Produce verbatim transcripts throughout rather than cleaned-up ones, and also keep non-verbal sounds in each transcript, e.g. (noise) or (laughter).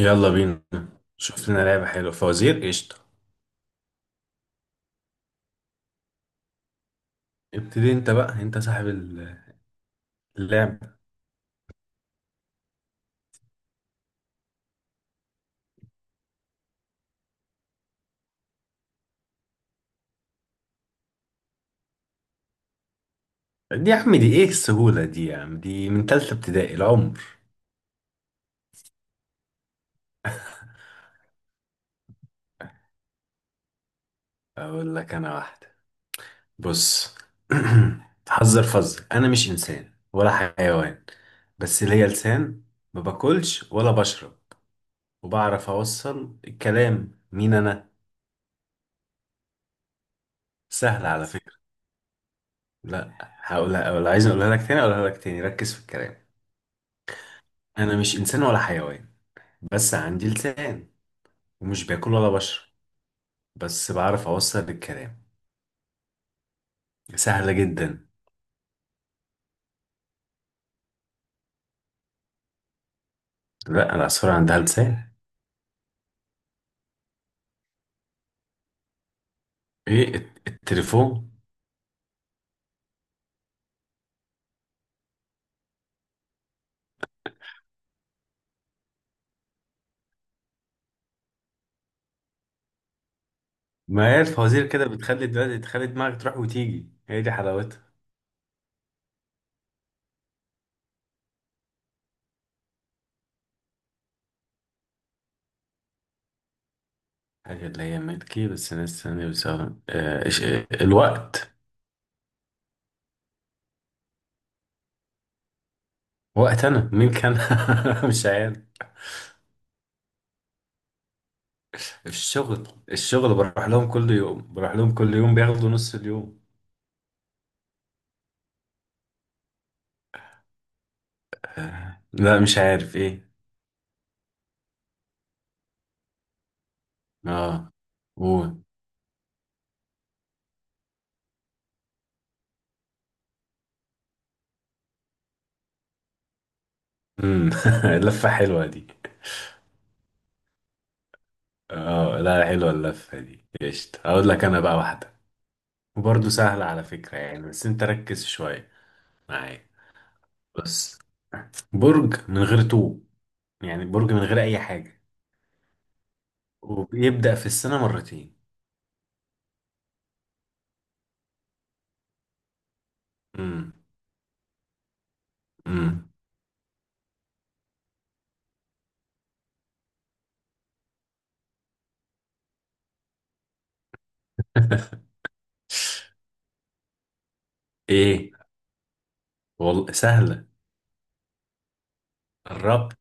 يلا بينا. شفت لنا لعبة حلوة فوازير قشطة. ابتدي انت بقى، انت صاحب ال- اللعبة. دي يا عم دي، ايه السهولة دي؟ يا عم دي من تالتة ابتدائي العمر. اقول لك انا واحدة. بص. (clears throat) حذر فذر، انا مش انسان ولا حيوان، بس ليا لسان. ما باكلش ولا بشرب، وبعرف اوصل الكلام. مين انا؟ سهل على فكرة. لا هقولها، ولا عايز اقولها لك تاني، اقولها لك تاني، ركز في الكلام. انا مش انسان ولا حيوان، بس عندي لسان، ومش باكل ولا بشرب، بس بعرف اوصل الكلام. سهلة جدا. لا، العصفورة عندها لسان. ايه الت- التليفون. ما هي الفوازير كده بتخلي دلوقتي، تخلي دماغك تروح وتيجي، هي دي حلاوتها. حاجة اللي هي ملكي بس ناس تانية بتستخدم، آه إيش- آه، الوقت. وقت انا مين كان؟ (laughs) مش عارف. الشغل الشغل بروح لهم كل يوم، بروح لهم كل يوم بياخدوا نص اليوم. لا مش عارف ايه. اه قول. مم. (laughs) اللفة حلوة دي. اه لا، حلوة اللفة دي قشطة. هقول لك انا بقى واحدة، وبرضه سهلة على فكرة يعني، بس انت ركز شوية معايا. بص. برج من غير طوب، يعني برج من غير اي حاجة، وبيبدأ في السنة مرتين. امم. امم. (laughs) ايه والله سهلة. الربط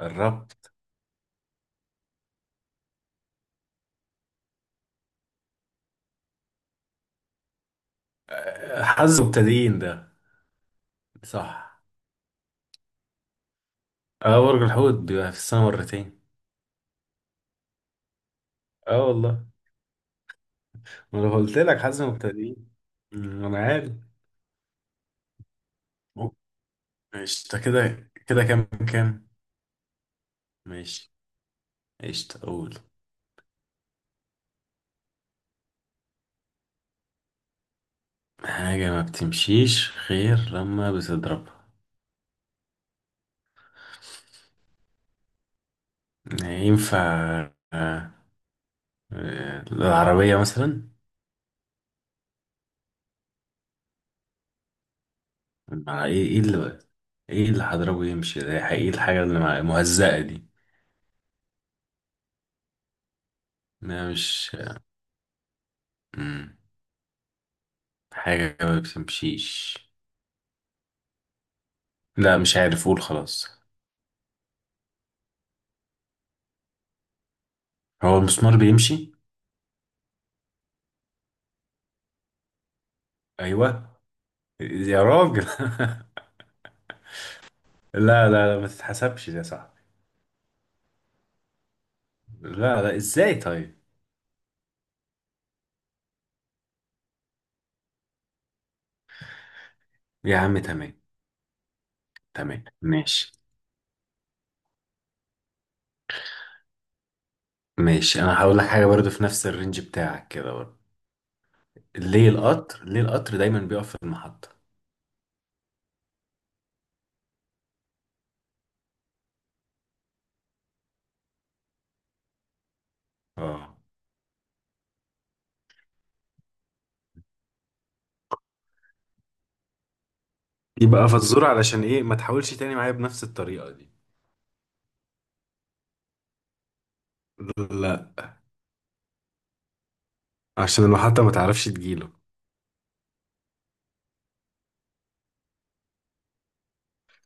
الربط. آه، حظ مبتدئين ده. صح. اه برج الحوت بيبقى في السنة مرتين. اه والله. ما انا قلت لك حظ مبتدئين. أمم، انا عارف. قشطة، كده كده كام؟ كام؟ ماشي. قشطة أقول. حاجة ما بتمشيش غير لما بتضربها. ينفع؟ آه، آه، العربية مثلا. مع ايه ايه اللي ايه اللي هضربه يمشي ده؟ ايه الحاجة اللي مع- مهزقة دي؟ لا مش. مم. حاجة ما بتمشيش. لا مش عارف، قول خلاص. هو المسمار بيمشي؟ ايوه يا راجل. (laughs) لا لا لا، ما تتحسبش ده صح. لا لا، ازاي طيب؟ يا عم تمام. تمام ماشي. ماشي، انا هقول لك حاجه برضو في نفس الرينج بتاعك كده برضو. ليه القطر، ليه القطر دايما بيقف في المحطه؟ اه. يبقى فزورة علشان ايه؟ ما تحاولش تاني معايا بنفس الطريقة دي. لا، عشان المحطة ما تعرفش تجيله.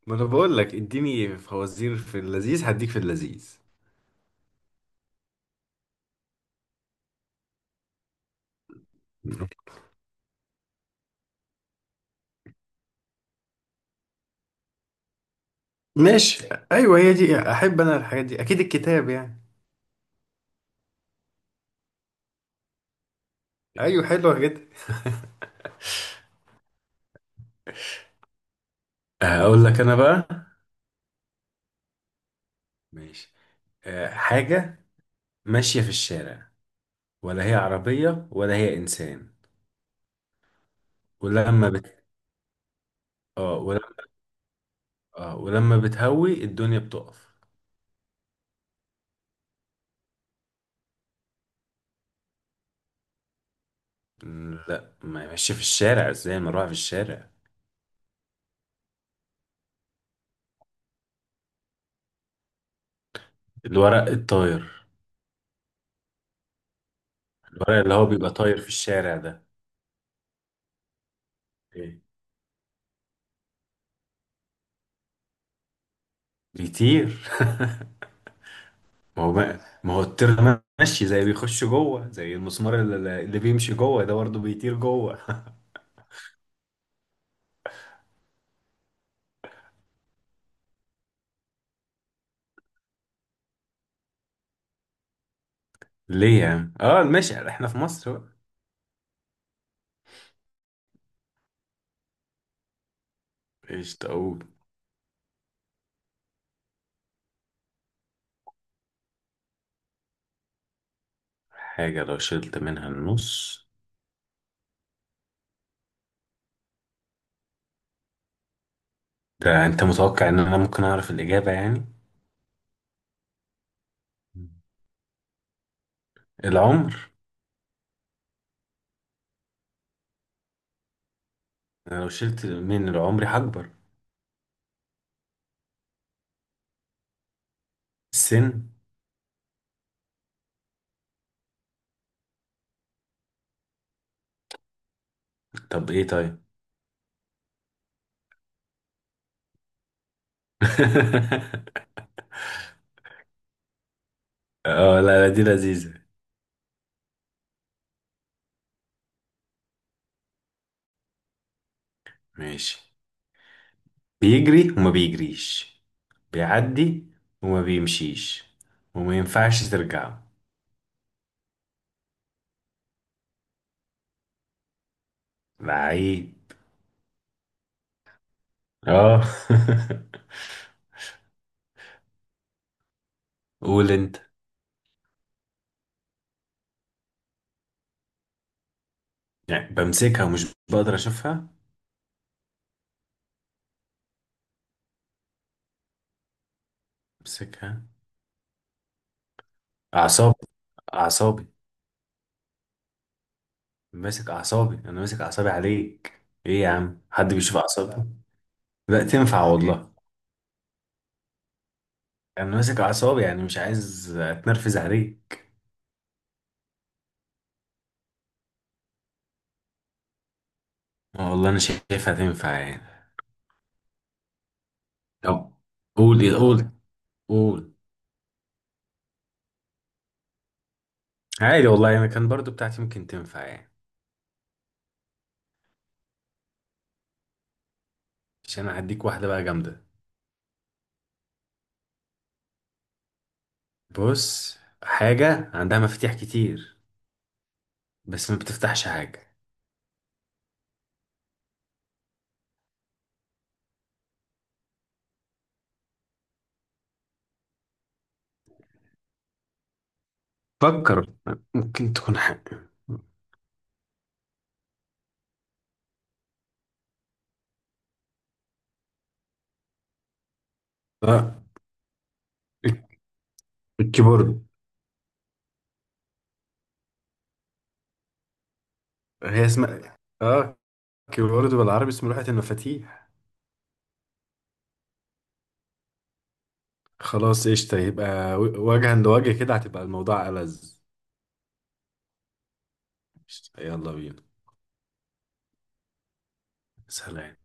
ما انا بقول لك اديني فوازير في اللذيذ، هديك في اللذيذ. ماشي. ايوه، هي دي احب انا الحاجات دي، اكيد الكتاب يعني. ايوه حلوة جدا. هقول لك انا بقى. ماشي. آه، حاجه ماشيه في الشارع، ولا هي عربية ولا هي إنسان، ولما بت... اه ولما اه ولما بتهوي الدنيا بتقف. لا، ما ماشي في الشارع. ازاي ما اروح في الشارع؟ الورق الطاير. الورق اللي هو بيبقى طاير في الشارع ده. ايه بيطير. (laughs) ما هو ما, ما هو الطير ده ماشي زي بيخش جوه، زي المسمار اللي, اللي بيمشي جوه ده، برضه بيطير جوه. (laughs) ليه يعني؟ اه ماشي، احنا في مصر بقى. ايش تقول؟ حاجة لو شلت منها النص. ده انت متوقع ان انا ممكن اعرف الاجابة يعني؟ العمر. انا لو شلت من العمر هكبر. السن. طب ايه طيب. (laughs) اه لا لا، دي لذيذة. ماشي. بيجري وما بيجريش، بيعدي وما بيمشيش، وما ينفعش ترجعه. لعيب. اه. (laughs) قول انت. يعني بمسكها ومش بقدر اشوفها؟ بمسكها. اعصابي. اعصابي. ماسك اعصابي، انا ماسك اعصابي عليك. ايه يا عم، حد بيشوف اعصابي؟ لا تنفع والله. انا ماسك اعصابي يعني مش عايز اتنرفز عليك. والله انا شايفها تنفع يعني. طب قول ايه، قول. قول. عادي والله، انا كان برضو بتاعتي ممكن تنفع يعني. مش، انا هديك واحدة بقى جامدة. بص، حاجة عندها مفاتيح كتير، بس ما بتفتحش حاجة. فكر، ممكن تكون حاجة. اه الكيبورد. هي اسمها، اه، كيبورد، بالعربي اسمه لوحة المفاتيح. خلاص قشطة، يبقى و- وجها لوجه كده هتبقى الموضوع ألذ. يلا بينا. سلام.